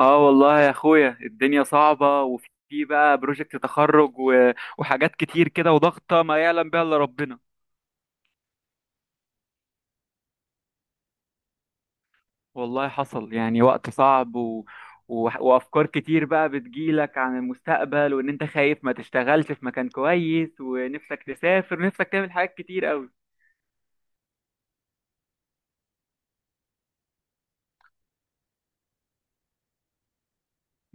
اه، والله يا اخويا الدنيا صعبة، وفي بقى بروجكت تخرج وحاجات كتير كده، وضغطة ما يعلم بها الا ربنا. والله حصل يعني وقت صعب وافكار كتير بقى بتجيلك عن المستقبل، وان انت خايف ما تشتغلش في مكان كويس، ونفسك تسافر، ونفسك تعمل حاجات كتير قوي.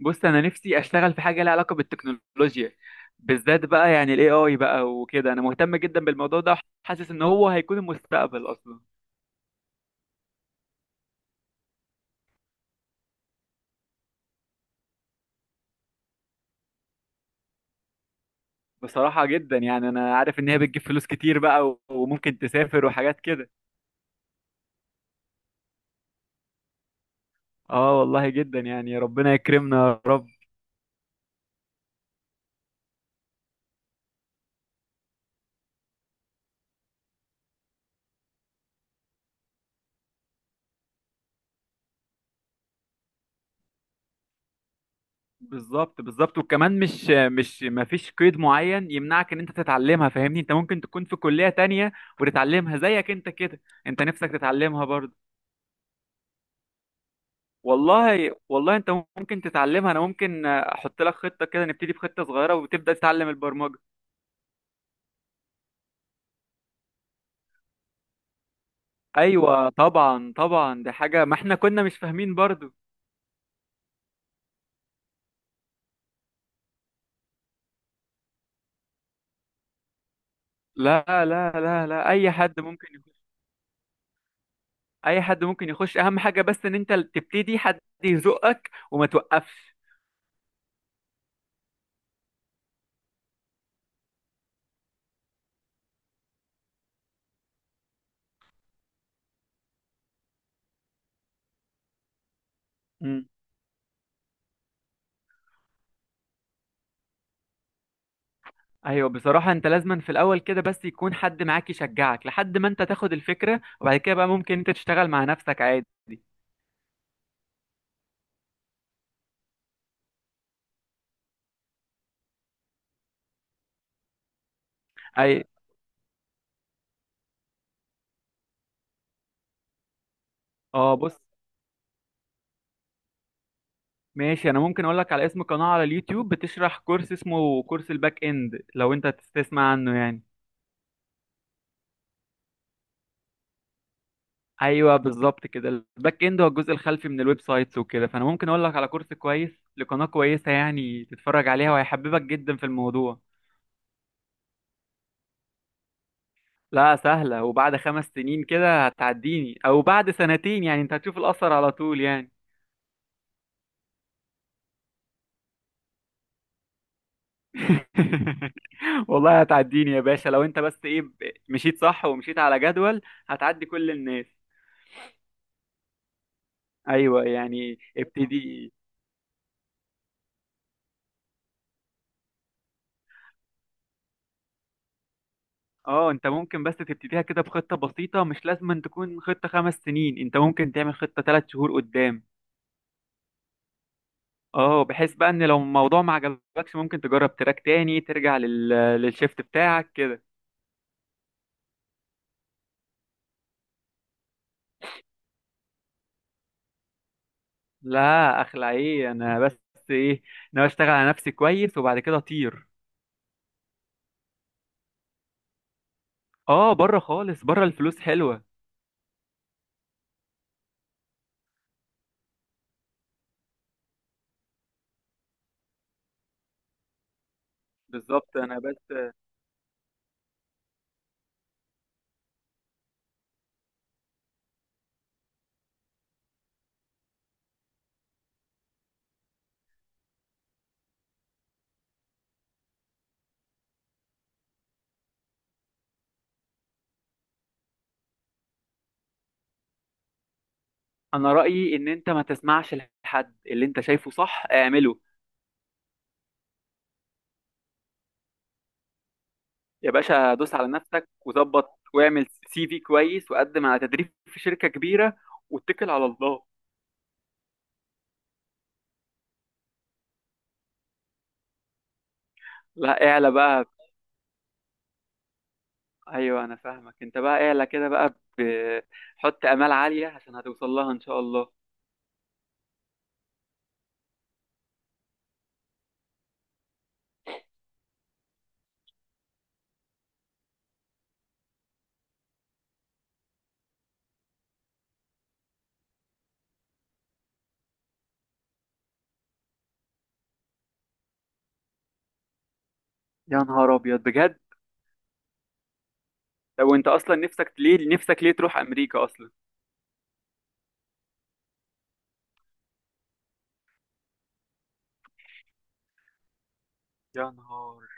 بص، انا نفسي اشتغل في حاجة لها علاقة بالتكنولوجيا، بالذات بقى يعني الاي اي بقى وكده، انا مهتم جدا بالموضوع ده، وحاسس ان هو هيكون المستقبل اصلا. بصراحة جدا يعني، أنا عارف إن هي بتجيب فلوس كتير بقى وممكن تسافر وحاجات كده. آه والله، جدا يعني ربنا يكرمنا، يا رب. بالظبط بالظبط، وكمان مش ما فيش قيد معين يمنعك إن أنت تتعلمها، فاهمني أنت ممكن تكون في كلية تانية وتتعلمها زيك أنت كده، أنت نفسك تتعلمها برضه. والله والله أنت ممكن تتعلمها، أنا ممكن أحط لك خطة كده، نبتدي بخطة صغيرة وتبدأ تتعلم البرمجة. أيوة طبعا طبعا، دي حاجة ما إحنا كنا مش فاهمين برضه. لا لا لا لا، اي حد ممكن يخش. اي حد ممكن يخش، اهم حاجه بس ان انت تبتدي، حد يزقك وما توقفش. مم. ايوه، بصراحه انت لازما في الاول كده بس يكون حد معاك يشجعك لحد ما انت تاخد الفكره، وبعد كده بقى ممكن انت تشتغل مع نفسك عادي. اي. اه، بص. ماشي، انا ممكن اقول لك على اسم قناه على اليوتيوب بتشرح كورس، اسمه كورس الباك اند، لو انت تسمع عنه يعني. ايوه بالظبط كده، الباك اند هو الجزء الخلفي من الويب سايتس وكده، فانا ممكن اقول لك على كورس كويس لقناه كويسه يعني، تتفرج عليها وهيحببك جدا في الموضوع. لا، سهله، وبعد 5 سنين كده هتعديني، او بعد سنتين يعني، انت هتشوف الاثر على طول يعني. والله هتعديني يا باشا، لو انت بس ايه مشيت صح ومشيت على جدول، هتعدي كل الناس. ايوه يعني، ابتدي. اه، انت ممكن بس تبتديها كده بخطة بسيطة، مش لازم أن تكون خطة 5 سنين، انت ممكن تعمل خطة 3 شهور قدام. اه، بحيث بقى ان لو الموضوع ما عجبكش، ممكن تجرب تراك تاني، ترجع للشيفت بتاعك كده. لا، اخلع ايه، انا بس ايه، انا بشتغل على نفسي كويس وبعد كده اطير. اه، بره خالص، بره الفلوس حلوة. بالظبط. انا بس، انا رأيي ان انت ما تسمعش، لحد اللي انت شايفه صح اعمله. يا باشا، دوس على نفسك وظبط واعمل سي في كويس، وقدم على تدريب في شركة كبيرة، واتكل على الله. لا اعلى بقى. ايوه انا فاهمك، انت بقى اعلى كده بقى، بحط امال عاليه عشان هتوصل لها ان شاء الله. يا نهار ابيض، بجد؟ لو انت اصلا نفسك ليه، نفسك ليه تروح امريكا اصلا؟ يا نهار.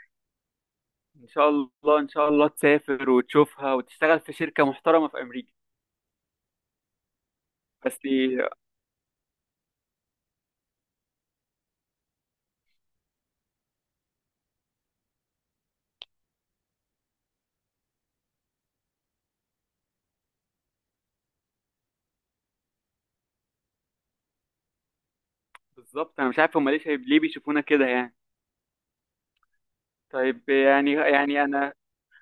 ان شاء الله ان شاء الله تسافر وتشوفها وتشتغل في شركه محترمه في امريكا. بس. بالظبط، انا مش عارف هم ليه، شايف ليه بيشوفونا كده يعني. طيب يعني، انا.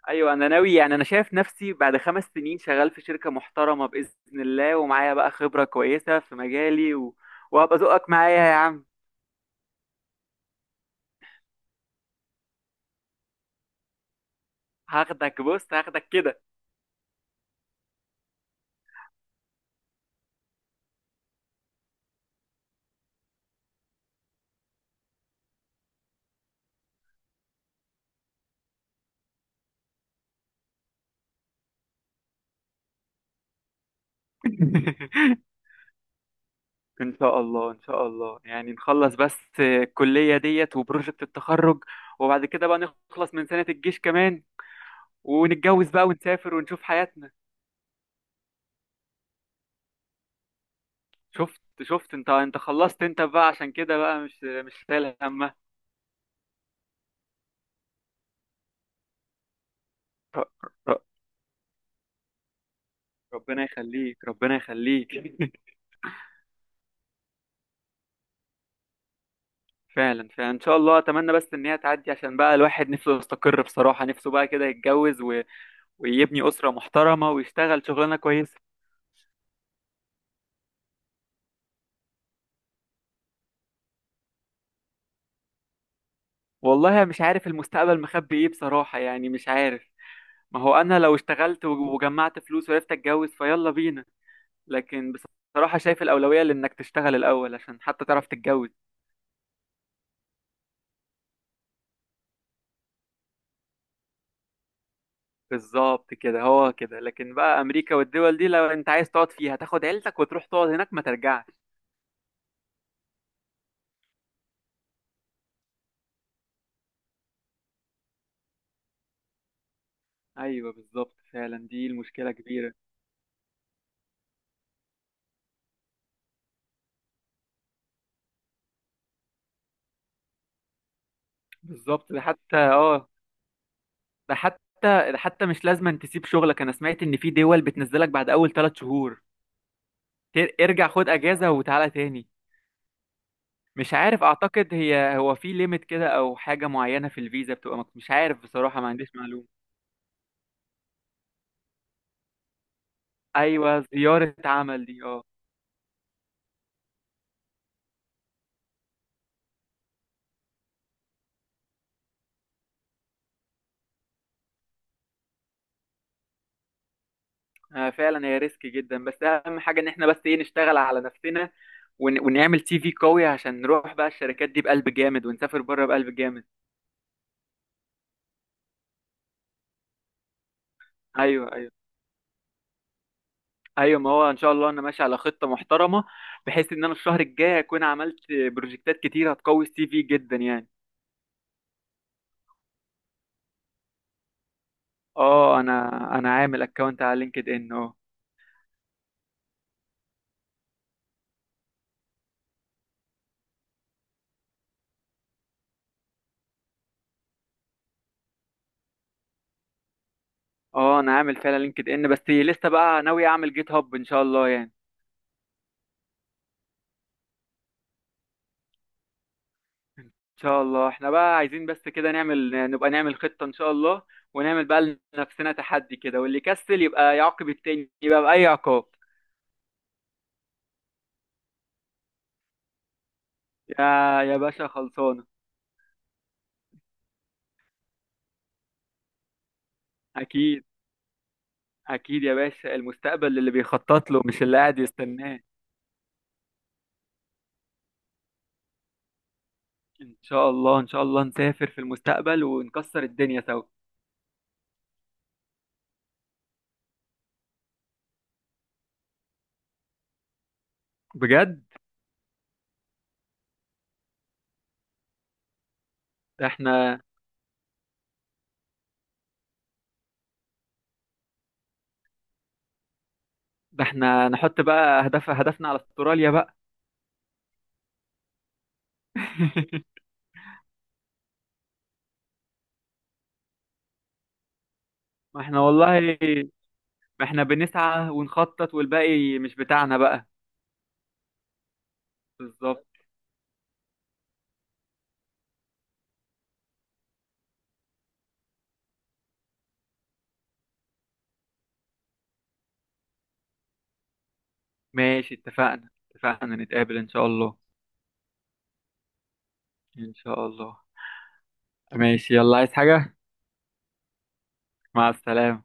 ايوه، انا ناوي يعني، انا شايف نفسي بعد 5 سنين شغال في شركه محترمه باذن الله، ومعايا بقى خبره كويسه في مجالي، و... وهبقى ذوقك معايا يا عم. هاخدك، بص هاخدك كده. ان شاء الله ان شاء الله، يعني نخلص بس الكلية ديت وبروجكت التخرج، وبعد كده بقى نخلص من سنة الجيش كمان، ونتجوز بقى ونسافر ونشوف حياتنا. شفت، انت خلصت انت بقى، عشان كده بقى مش شايل همها. ر- ر- ربنا يخليك، ربنا يخليك. فعلا فعلا، ان شاء الله، اتمنى بس ان هي تعدي، عشان بقى الواحد نفسه يستقر، بصراحة نفسه بقى كده يتجوز، و... ويبني أسرة محترمة ويشتغل شغلانة كويسة. والله أنا مش عارف المستقبل مخبي ايه بصراحة يعني، مش عارف. ما هو انا لو اشتغلت وجمعت فلوس وعرفت اتجوز، فيلا بينا. لكن بصراحة شايف الأولوية لانك تشتغل الأول، عشان حتى تعرف تتجوز. بالظبط كده، هو كده، لكن بقى أمريكا والدول دي لو انت عايز تقعد فيها، تاخد عيلتك وتروح تقعد هناك ما ترجعش. ايوه بالظبط، فعلا دي المشكلة كبيرة. بالظبط، ده حتى اه ده حتى ده حتى مش لازم تسيب شغلك، انا سمعت ان في دول بتنزلك بعد اول 3 شهور. ارجع خد اجازة وتعالى تاني. مش عارف، اعتقد هي هو في ليميت كده او حاجه معينه في الفيزا بتبقى مش عارف بصراحه، ما عنديش معلومه. ايوه، زياره عمل دي، اه. آه، فعلا هي ريسك جدا، بس اهم حاجه ان احنا بس ايه، نشتغل على نفسنا ونعمل سي في قوي، عشان نروح بقى الشركات دي بقلب جامد، ونسافر بره بقلب جامد. ايوه ايوه. ايوه ما هو ان شاء الله انا ماشي على خطه محترمه، بحيث ان انا الشهر الجاي اكون عملت بروجكتات كتير هتقوي السي في جدا يعني. اه، انا عامل اكونت على لينكد ان، آه. اه، انا عامل فعلا لينكد ان، بس لسه بقى ناوي اعمل جيت هاب ان شاء الله يعني. ان شاء الله، احنا بقى عايزين بس كده نعمل، نبقى نعمل خطة ان شاء الله، ونعمل بقى لنفسنا تحدي كده، واللي يكسل يبقى يعاقب التاني، يبقى بأي عقاب. يا يا باشا، خلصانة. اكيد اكيد يا باشا، المستقبل اللي بيخطط له مش اللي قاعد يستناه. ان شاء الله ان شاء الله نسافر في المستقبل، ونكسر الدنيا سوا. بجد. ده احنا ده احنا نحط بقى اهداف، هدفنا على استراليا بقى. ما احنا والله، ما احنا بنسعى ونخطط، والباقي مش بتاعنا بقى. بالظبط. ماشي، اتفقنا اتفقنا، نتقابل ان شاء الله. ان شاء الله. ماشي، يلا، عايز حاجة؟ مع السلامة.